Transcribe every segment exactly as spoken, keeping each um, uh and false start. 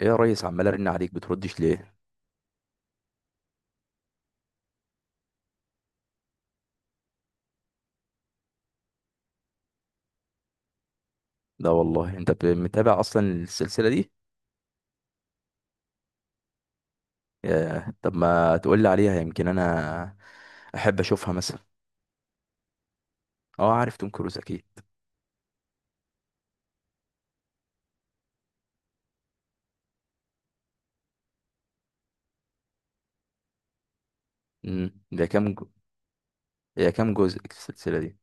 ايه يا ريس، عمال ارن عليك بتردش ليه؟ لا والله، انت ب- متابع اصلا السلسله دي؟ ياه. طب ما تقول لي عليها، يمكن انا احب اشوفها مثلا. اه، عارف توم كروز اكيد. امم ده كام جو... هي كام جزء السلسله دي؟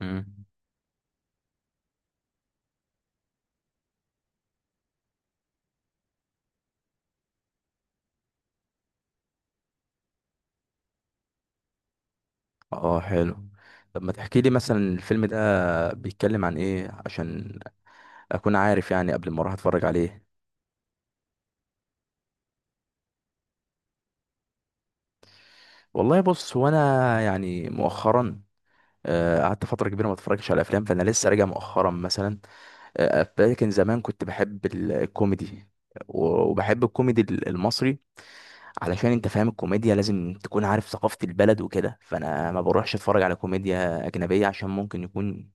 امم اه، حلو. طب ما تحكي لي مثلا الفيلم ده بيتكلم عن ايه عشان اكون عارف يعني، قبل ما اروح اتفرج عليه. والله بص، هو انا يعني مؤخرا، آه، قعدت فتره كبيره ما اتفرجتش على افلام، فانا لسه راجع مؤخرا مثلا. آه، لكن زمان كنت بحب ال- الكوميدي و- وبحب الكوميدي ال- المصري. علشان انت فاهم الكوميديا لازم تكون عارف ثقافة البلد وكده، فانا ما بروحش اتفرج على كوميديا اجنبية عشان ممكن يكون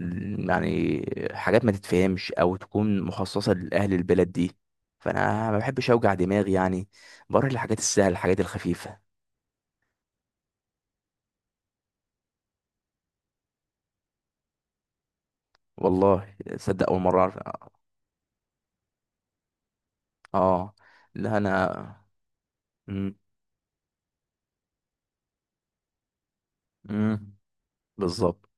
ال- يعني حاجات ما تتفهمش او تكون مخصصة لاهل البلد دي، فانا ما بحبش اوجع دماغي يعني. بروح للحاجات السهلة، الحاجات الخفيفة. والله صدق، اول مرة اعرف. اه، لا انا. امم. امم. بالظبط.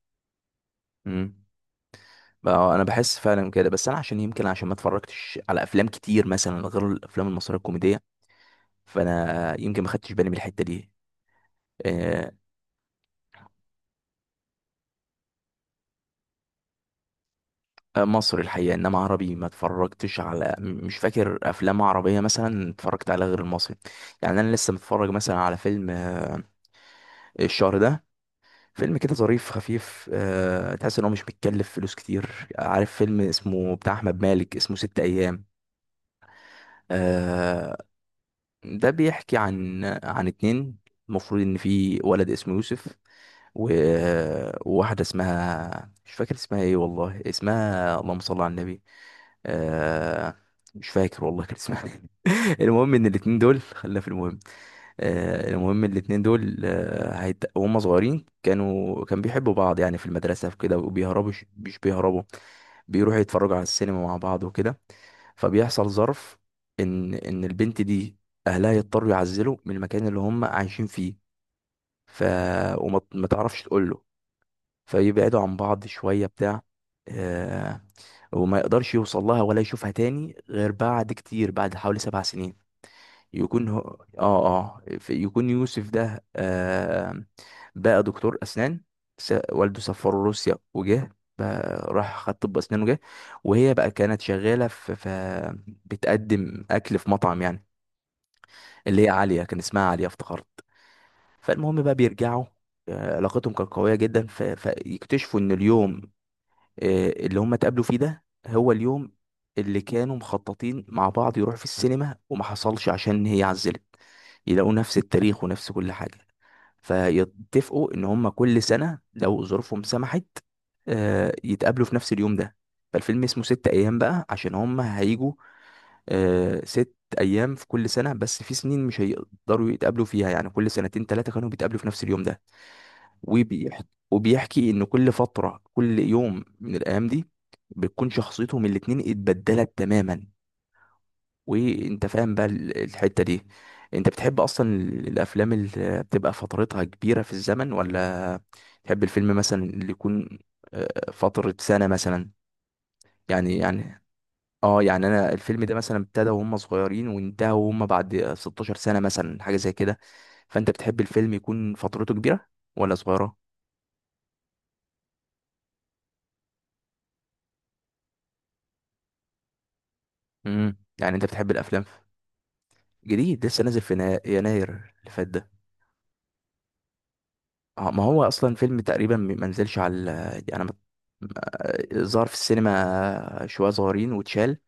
اه، انا بحس فعلا كده، بس انا عشان يمكن، عشان ما اتفرجتش على افلام كتير مثلا غير الافلام المصريه الكوميديه، فانا يمكن ما خدتش بالي من الحته دي. آه، آه، مصري الحقيقه، انما عربي ما اتفرجتش على م- مش فاكر افلام عربيه مثلا اتفرجت على غير المصري. يعني انا لسه متفرج مثلا على فيلم آه، الشهر ده، فيلم كده ظريف خفيف. آه، تحس ان هو مش بيتكلف فلوس كتير. عارف فيلم اسمه، بتاع احمد مالك، اسمه ست ايام. آه، ده بيحكي عن عن اتنين. المفروض ان في ولد اسمه يوسف و... وواحدة اسمها، مش فاكر اسمها ايه والله، اسمها اللهم صل على النبي. آه... مش فاكر والله كان اسمها إيه. المهم ان الاتنين دول، خلينا في المهم. آه... المهم الاتنين دول آه... هيت... وهم صغيرين كانوا كان بيحبوا بعض يعني في المدرسة في كده وبيهربوا. مش بيهربوا، بيروحوا يتفرجوا على السينما مع بعض وكده. فبيحصل ظرف ان ان البنت دي اهلها يضطروا يعزلوا من المكان اللي هم عايشين فيه، ف وما ما تعرفش تقول له. فيبعدوا عن بعض شويه بتاع. آه وما يقدرش يوصل لها ولا يشوفها تاني غير بعد كتير، بعد حوالي سبع سنين يكون هو. اه، اه، ف- يكون يوسف ده آه بقى دكتور اسنان. س- والده سافره روسيا وجه، بقى راح خد طب اسنان وجه. وهي بقى كانت شغاله في, في بتقدم اكل في مطعم يعني، اللي هي عاليه، كان اسمها عاليه افتكرت. فالمهم بقى بيرجعوا. آه، علاقتهم كانت قويه جدا، ف- فيكتشفوا ان اليوم آه، اللي هم اتقابلوا فيه ده هو اليوم اللي كانوا مخططين مع بعض يروحوا في السينما وما حصلش عشان هي عزلت. يلاقوا نفس التاريخ ونفس كل حاجة. فيتفقوا ان هم كل سنة لو ظروفهم سمحت، آه، يتقابلوا في نفس اليوم ده. فالفيلم اسمه ست ايام بقى عشان هم هيجوا آه، ست ايام في كل سنة، بس في سنين مش هيقدروا يتقابلوا فيها يعني كل سنتين تلاتة كانوا بيتقابلوا في نفس اليوم ده. وبيحكي وبيحكي ان كل فتره كل يوم من الايام دي بتكون شخصيتهم الاتنين اتبدلت تماما. وانت فاهم بقى ال- الحته دي. انت بتحب اصلا ال- الافلام اللي بتبقى فترتها كبيره في الزمن، ولا تحب الفيلم مثلا اللي يكون آه، فتره سنه مثلا، يعني يعني؟ اه، يعني انا الفيلم ده مثلا ابتدى وهم صغيرين وانتهى وهم بعد ستاشر سنه مثلا، حاجه زي كده. فانت بتحب الفيلم يكون فترته كبيره ولا صغيره؟ امم يعني انت بتحب الافلام. جديد، لسه نازل في نا- يناير اللي فات ده. اه، ما هو اصلا فيلم تقريبا ما نزلش على ال- انا ما ما- ظهر في السينما شويه صغيرين واتشال.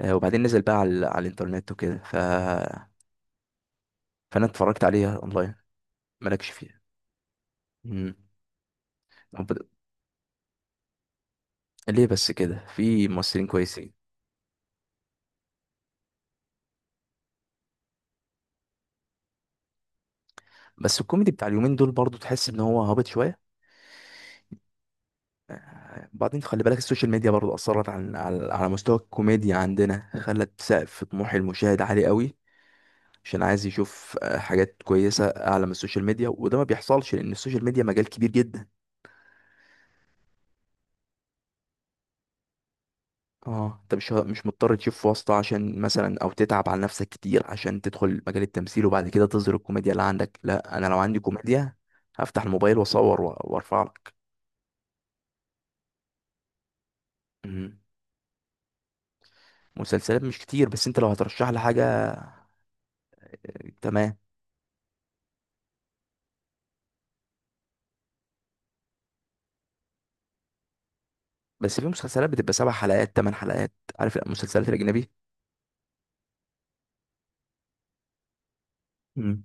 آه، وبعدين نزل بقى على, على الانترنت وكده. ف... فانا اتفرجت عليه اونلاين. مالكش فيه؟ مم. طب ليه بس كده؟ في ممثلين كويسين. بس الكوميدي بتاع اليومين دول برضو تحس ان هو هابط شويه. بعدين خلي بالك السوشيال ميديا برضو اثرت على على على مستوى الكوميديا عندنا، خلت سقف طموح المشاهد عالي قوي. عشان عايز يشوف آه، حاجات كويسة أعلى من السوشيال ميديا، وده ما بيحصلش لأن السوشيال ميديا مجال كبير جدا. اه، انت مش مش مضطر تشوف واسطة عشان مثلا او تتعب على نفسك كتير عشان تدخل مجال التمثيل وبعد كده تظهر الكوميديا اللي عندك. لا، انا لو عندي كوميديا هفتح الموبايل واصور و- وارفع لك. مم. مسلسلات مش كتير، بس انت لو هترشح لي حاجة. آه، تمام. بس في مسلسلات بتبقى سبع حلقات، تمن حلقات. عارف المسلسلات الأجنبي؟ مم.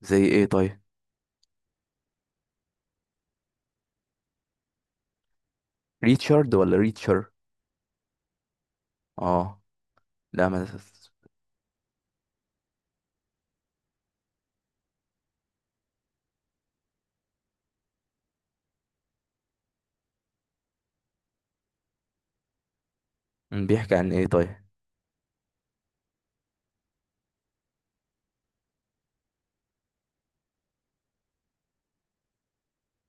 زي ايه طيب؟ ريتشارد ولا ريتشر؟ اه، لا ما. مم، بيحكي عن ايه طيب؟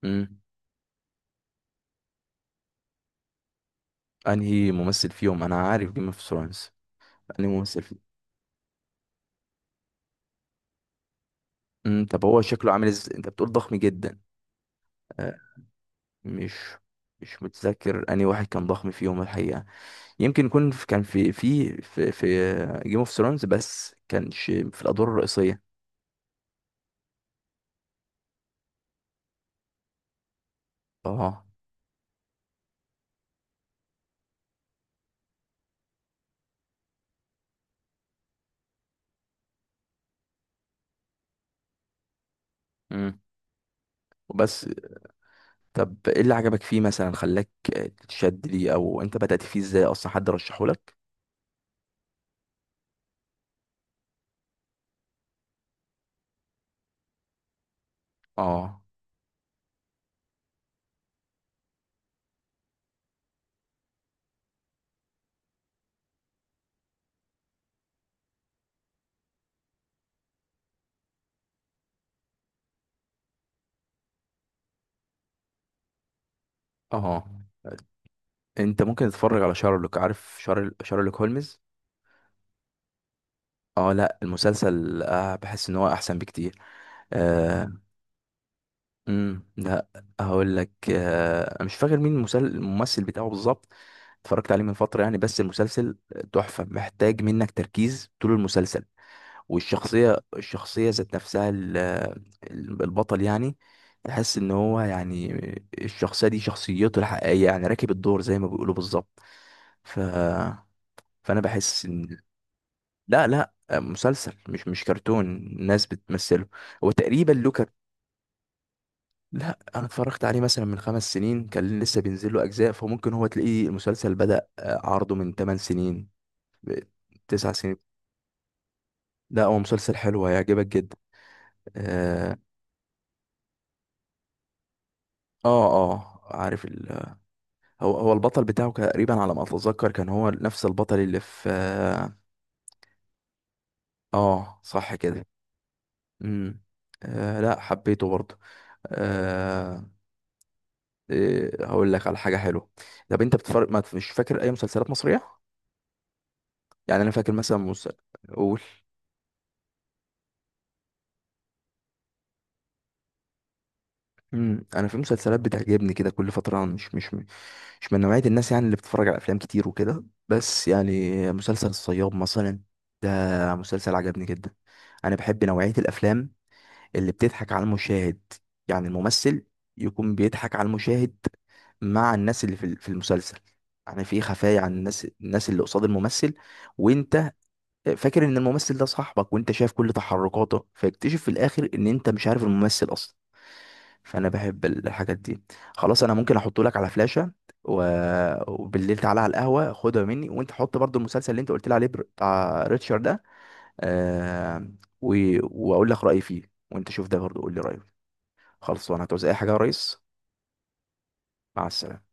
امم انهي ممثل فيهم؟ انا عارف جيم اوف ثرونز. انهي ممثل فيهم؟ امم طب هو شكله عامل ازاي؟ انت بتقول ضخم جدا. آه، مش مش متذكر انهي واحد كان ضخم فيهم الحقيقة. يمكن يكون في- كان في في في, في جيم اوف ثرونز بس كانش في الادوار الرئيسية. اه، امم وبس. طب ايه اللي عجبك فيه مثلا خلاك تتشد ليه؟ او انت بدأت فيه ازاي اصلا؟ حد رشحه لك؟ اه، اه، انت ممكن تتفرج على شارلوك. عارف شارل... شارلوك هولمز؟ اه، لا المسلسل آه بحس ان هو احسن بكتير. آه امم لا، هقول لك، آه مش فاكر مين المسل... الممثل بتاعه بالظبط. اتفرجت عليه من فترة يعني، بس المسلسل تحفة، محتاج منك تركيز طول المسلسل. والشخصية، الشخصية ذات نفسها، ال- ال- البطل يعني، تحس ان هو يعني الشخصية دي شخصيته الحقيقية، يعني راكب الدور زي ما بيقولوا بالظبط. ف... فانا بحس ان. لا، لا، آه، مسلسل مش مش كرتون، الناس بتمثله. هو تقريبا له كرت... لا، انا اتفرجت عليه مثلا من خمس سنين، كان لسه بينزل له اجزاء. فممكن هو تلاقيه المسلسل بدأ آه، عرضه من تمان سنين ب- تسع سنين. لا، هو مسلسل حلو، هيعجبك جدا. اه، اه، آه، عارف ال... هو هو البطل بتاعه تقريبا على ما اتذكر كان هو نفس البطل اللي في اه, آه صح كده. امم آه لا، حبيته برضه. آه إيه، هقول لك على حاجه حلوه. طب انت بتفرق، ما مش فاكر اي مسلسلات مصريه. يعني انا فاكر مثلا مس... اقول. امم انا، في مسلسلات بتعجبني كده كل فتره. أنا مش مش مش من نوعيه الناس يعني اللي بتتفرج على افلام كتير وكده، بس يعني مسلسل الصياد مثلا ده، مسلسل عجبني جدا. انا بحب نوعيه الافلام اللي بتضحك على المشاهد، يعني الممثل يكون بيضحك على المشاهد مع الناس اللي في في المسلسل، يعني في خفايا عن الناس الناس اللي قصاد الممثل وانت فاكر ان الممثل ده صاحبك وانت شايف كل تحركاته، فيكتشف في الاخر ان انت مش عارف الممثل اصلا. فانا بحب ال- الحاجات دي. خلاص، انا ممكن احطه لك على فلاشة و... وبالليل تعالى على القهوة خدها مني، وانت حط برضو المسلسل اللي انت قلت لي عليه بر- بتاع ريتشارد ده. آه... و... واقول لك رأيي فيه، وانت شوف ده برضو قول لي رأيك. خلاص، وانا هتعوز اي حاجة يا ريس؟ مع السلامة.